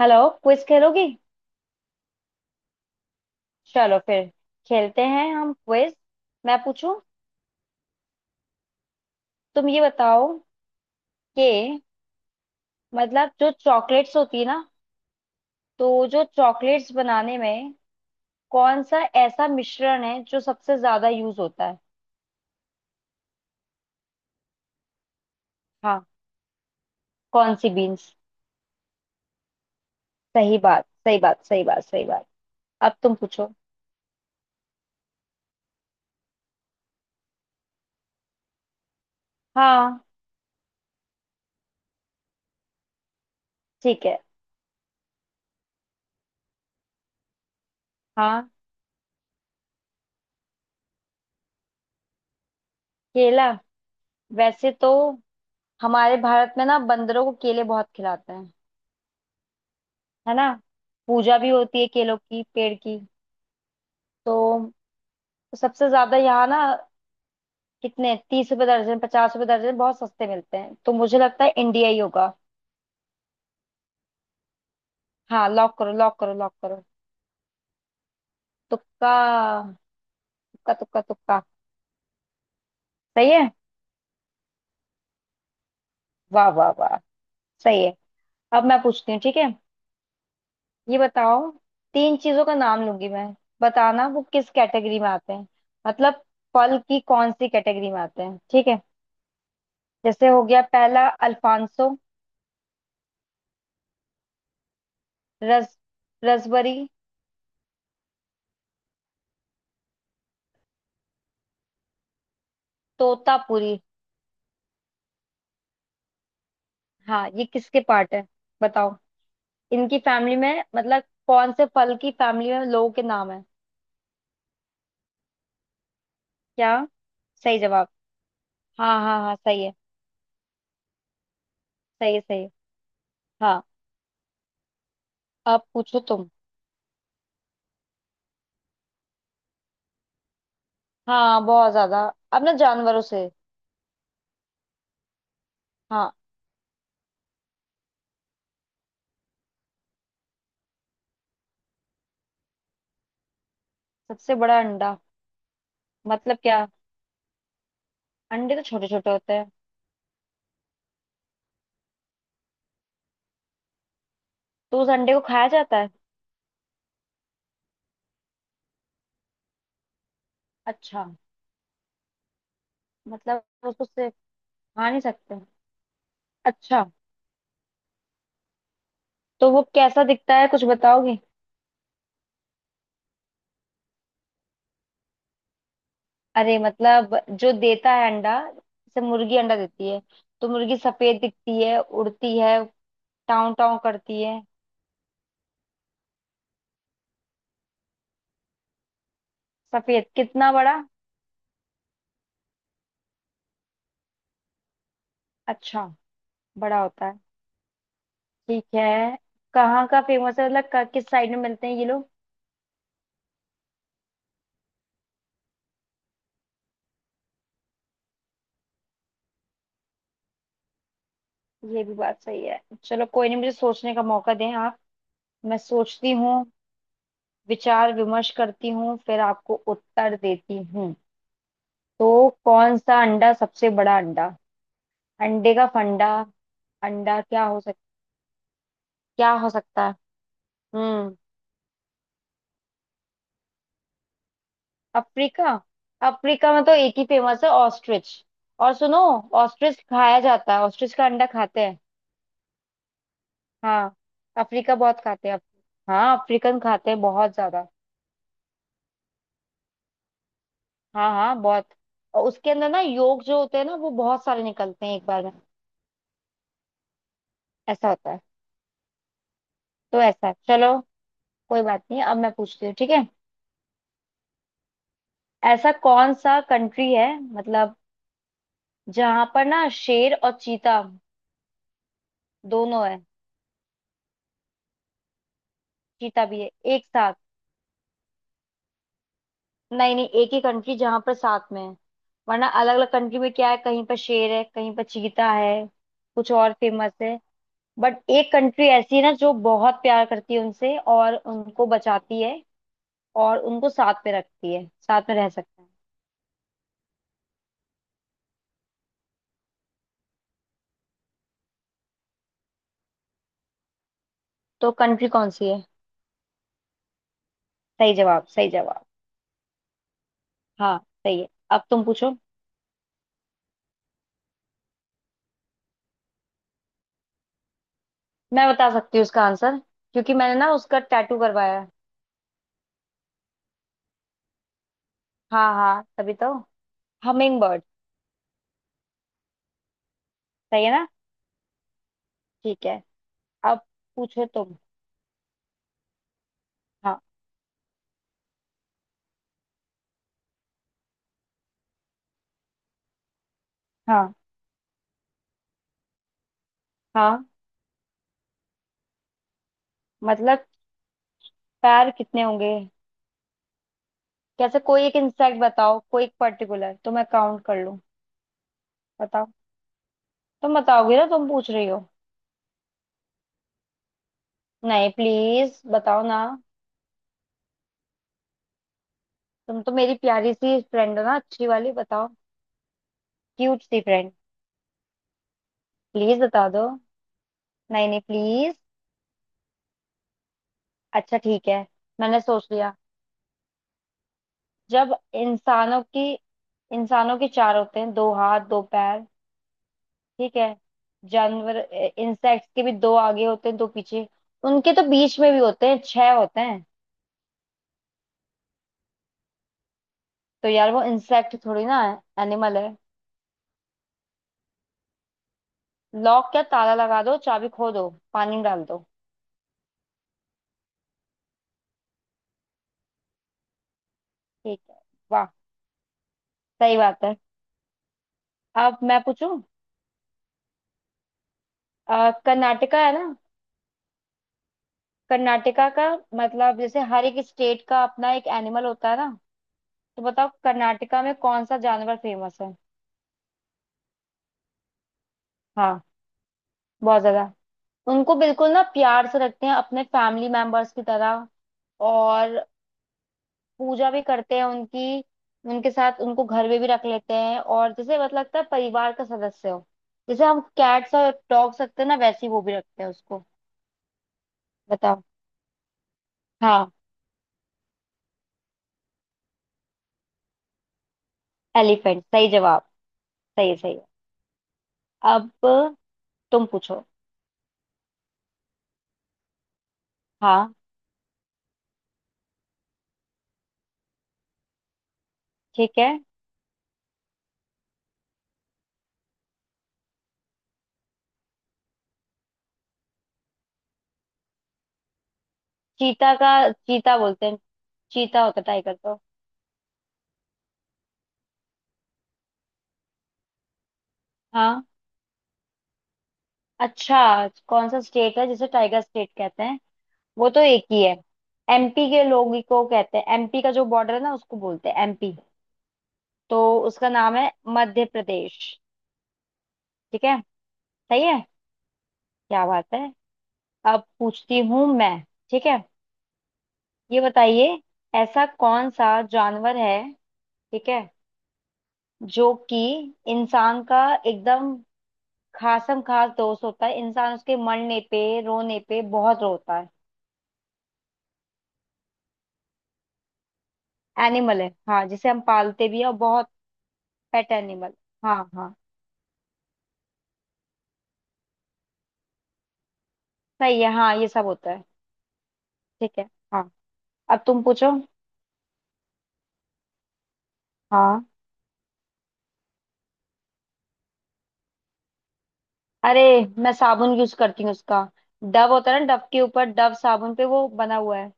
Hello. Quiz खेलोगी। चलो फिर खेलते हैं हम क्विज। मैं पूछूं। तुम ये बताओ कि मतलब जो चॉकलेट्स होती है ना, तो जो चॉकलेट्स बनाने में कौन सा ऐसा मिश्रण है जो सबसे ज्यादा यूज होता है। हाँ। कौन सी बीन्स। सही बात सही बात सही बात सही बात। अब तुम पूछो। हाँ। ठीक है। हाँ। केला। वैसे तो हमारे भारत में ना बंदरों को केले बहुत खिलाते हैं, है ना। पूजा भी होती है केलों की पेड़ की। तो तो सबसे ज्यादा यहाँ ना कितने 30 रुपए दर्जन 50 रुपए दर्जन बहुत सस्ते मिलते हैं, तो मुझे लगता है इंडिया ही होगा। हाँ, लॉक करो लॉक करो लॉक करो। तुक्का तुक्का तुक्का तुक्का। सही है। वाह वाह वाह। सही है। अब मैं पूछती हूँ, ठीक है। ये बताओ। तीन चीजों का नाम लूंगी मैं, बताना वो किस कैटेगरी में आते हैं। मतलब फल की कौन सी कैटेगरी में आते हैं, ठीक है। जैसे हो गया पहला अल्फांसो, रस रसबरी, तोतापुरी। हाँ ये किसके पार्ट है, बताओ। इनकी फैमिली में मतलब कौन से फल की फैमिली में लोगों के नाम है। क्या। सही जवाब। हाँ हाँ हाँ सही है। सही है सही है। हाँ। अब पूछो तुम। हाँ बहुत ज्यादा। अब ना जानवरों से। हाँ। सबसे बड़ा अंडा मतलब क्या। अंडे तो छोटे छोटे होते हैं, तो उस अंडे को खाया जाता है। अच्छा। मतलब उसको से खा नहीं सकते। अच्छा। तो वो कैसा दिखता है, कुछ बताओगे। अरे मतलब जो देता है अंडा, जैसे मुर्गी अंडा देती है, तो मुर्गी सफेद दिखती है, उड़ती है, टाँव टाँव करती है। सफेद कितना बड़ा। अच्छा। बड़ा होता है। ठीक है। कहाँ का फेमस है, मतलब किस साइड में मिलते हैं ये लोग। ये भी बात सही है। चलो कोई नहीं, मुझे सोचने का मौका दें आप। मैं सोचती हूँ। विचार विमर्श करती हूँ फिर आपको उत्तर देती हूँ। तो कौन सा अंडा सबसे बड़ा अंडा। अंडे का फंडा। अंडा क्या हो सकता है। हम्म। अफ्रीका। अफ्रीका में तो एक ही फेमस है, ऑस्ट्रिच। और सुनो, ऑस्ट्रिच खाया जाता है, ऑस्ट्रिच का अंडा खाते हैं। हाँ अफ्रीका बहुत खाते हैं। हाँ अफ्रीकन खाते हैं बहुत ज्यादा। हाँ हाँ बहुत। और उसके अंदर ना योग जो होते हैं ना, वो बहुत सारे निकलते हैं एक बार में। ऐसा होता है। तो ऐसा है, चलो। कोई बात नहीं, अब मैं पूछती हूँ, ठीक है। ऐसा कौन सा कंट्री है मतलब, जहां पर ना शेर और चीता दोनों है। चीता भी है एक साथ। नहीं नहीं, एक ही कंट्री जहां पर साथ में है, वरना अलग अलग कंट्री में क्या है, कहीं पर शेर है कहीं पर चीता है, कुछ और फेमस है। बट एक कंट्री ऐसी है ना जो बहुत प्यार करती है उनसे और उनको बचाती है और उनको साथ में रखती है, साथ में रह सकते हैं। तो कंट्री कौन सी है। सही जवाब सही जवाब। हाँ सही है। अब तुम पूछो। मैं बता सकती हूँ उसका आंसर, क्योंकि मैंने ना उसका टैटू करवाया है। हाँ हाँ तभी तो। Humming bird. सही है ना। ठीक है। अब पूछो तुम। हाँ हाँ हाँ। मतलब पैर कितने होंगे। कैसे, कोई एक इंसेक्ट बताओ कोई एक पर्टिकुलर, तो मैं काउंट कर लूं। बताओ। तुम बताओगे ना, तुम पूछ रही हो। नहीं प्लीज बताओ ना। तुम तो मेरी प्यारी सी फ्रेंड हो ना, अच्छी वाली, बताओ। क्यूट सी फ्रेंड। प्लीज बता दो। नहीं नहीं प्लीज। अच्छा ठीक है। मैंने सोच लिया। जब इंसानों के चार होते हैं, दो हाथ दो पैर, ठीक है। जानवर इंसेक्ट्स के भी दो आगे होते हैं दो पीछे। उनके तो बीच में भी होते हैं, छह होते हैं। तो यार वो इंसेक्ट थोड़ी ना है, एनिमल है। लॉक क्या, ताला लगा दो, चाबी खो दो, पानी में डाल दो। ठीक है। वाह सही बात है। अब मैं पूछूं। कर्नाटका है ना। कर्नाटका का मतलब, जैसे हर एक स्टेट का अपना एक एनिमल होता है ना, तो बताओ कर्नाटका में कौन सा जानवर फेमस है। हाँ बहुत ज्यादा। उनको बिल्कुल ना प्यार से रखते हैं अपने फैमिली मेंबर्स की तरह। और पूजा भी करते हैं उनकी। उनके साथ उनको घर में भी रख लेते हैं, और जैसे मतलब लगता है परिवार का सदस्य हो। जैसे हम कैट्स और डॉग्स रखते हैं ना, वैसे ही वो भी रखते हैं उसको। बताओ। हाँ। एलिफेंट सही जवाब। सही है सही है। अब तुम पूछो। हाँ ठीक है। चीता का चीता बोलते हैं। चीता होता टाइगर तो। हाँ अच्छा। कौन सा स्टेट है जिसे टाइगर स्टेट कहते हैं। वो तो एक ही है। एमपी के लोग ही को कहते हैं। एमपी का जो बॉर्डर है ना उसको बोलते हैं एमपी। तो उसका नाम है मध्य प्रदेश। ठीक है। सही है। क्या बात है। अब पूछती हूँ मैं, ठीक है। ये बताइए, ऐसा कौन सा जानवर है, ठीक है, जो कि इंसान का एकदम खासम खास दोस्त होता है, इंसान उसके मरने पे रोने पे बहुत रोता है। एनिमल है हाँ, जिसे हम पालते भी है और बहुत। Pet animal. हाँ हाँ। सही है। हाँ ये सब होता है। ठीक है। हाँ अब तुम पूछो। हाँ। अरे, मैं साबुन यूज करती हूँ उसका। डव होता है ना, डव के ऊपर डव साबुन पे वो बना हुआ है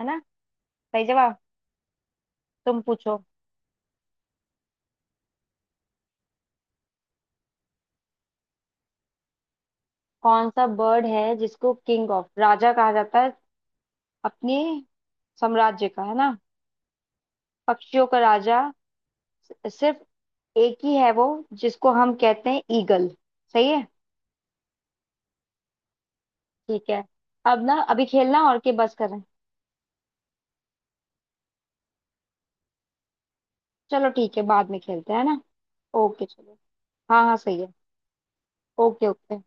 है ना। सही जवाब। तुम पूछो। कौन सा बर्ड है जिसको किंग ऑफ राजा कहा जाता है। अपने साम्राज्य का, है ना, पक्षियों का राजा। सिर्फ एक ही है वो जिसको हम कहते हैं ईगल। सही है। ठीक है। अब ना अभी खेलना और के बस करें। चलो ठीक है, बाद में खेलते हैं, है ना। ओके चलो। हाँ हाँ सही है। Okay okay.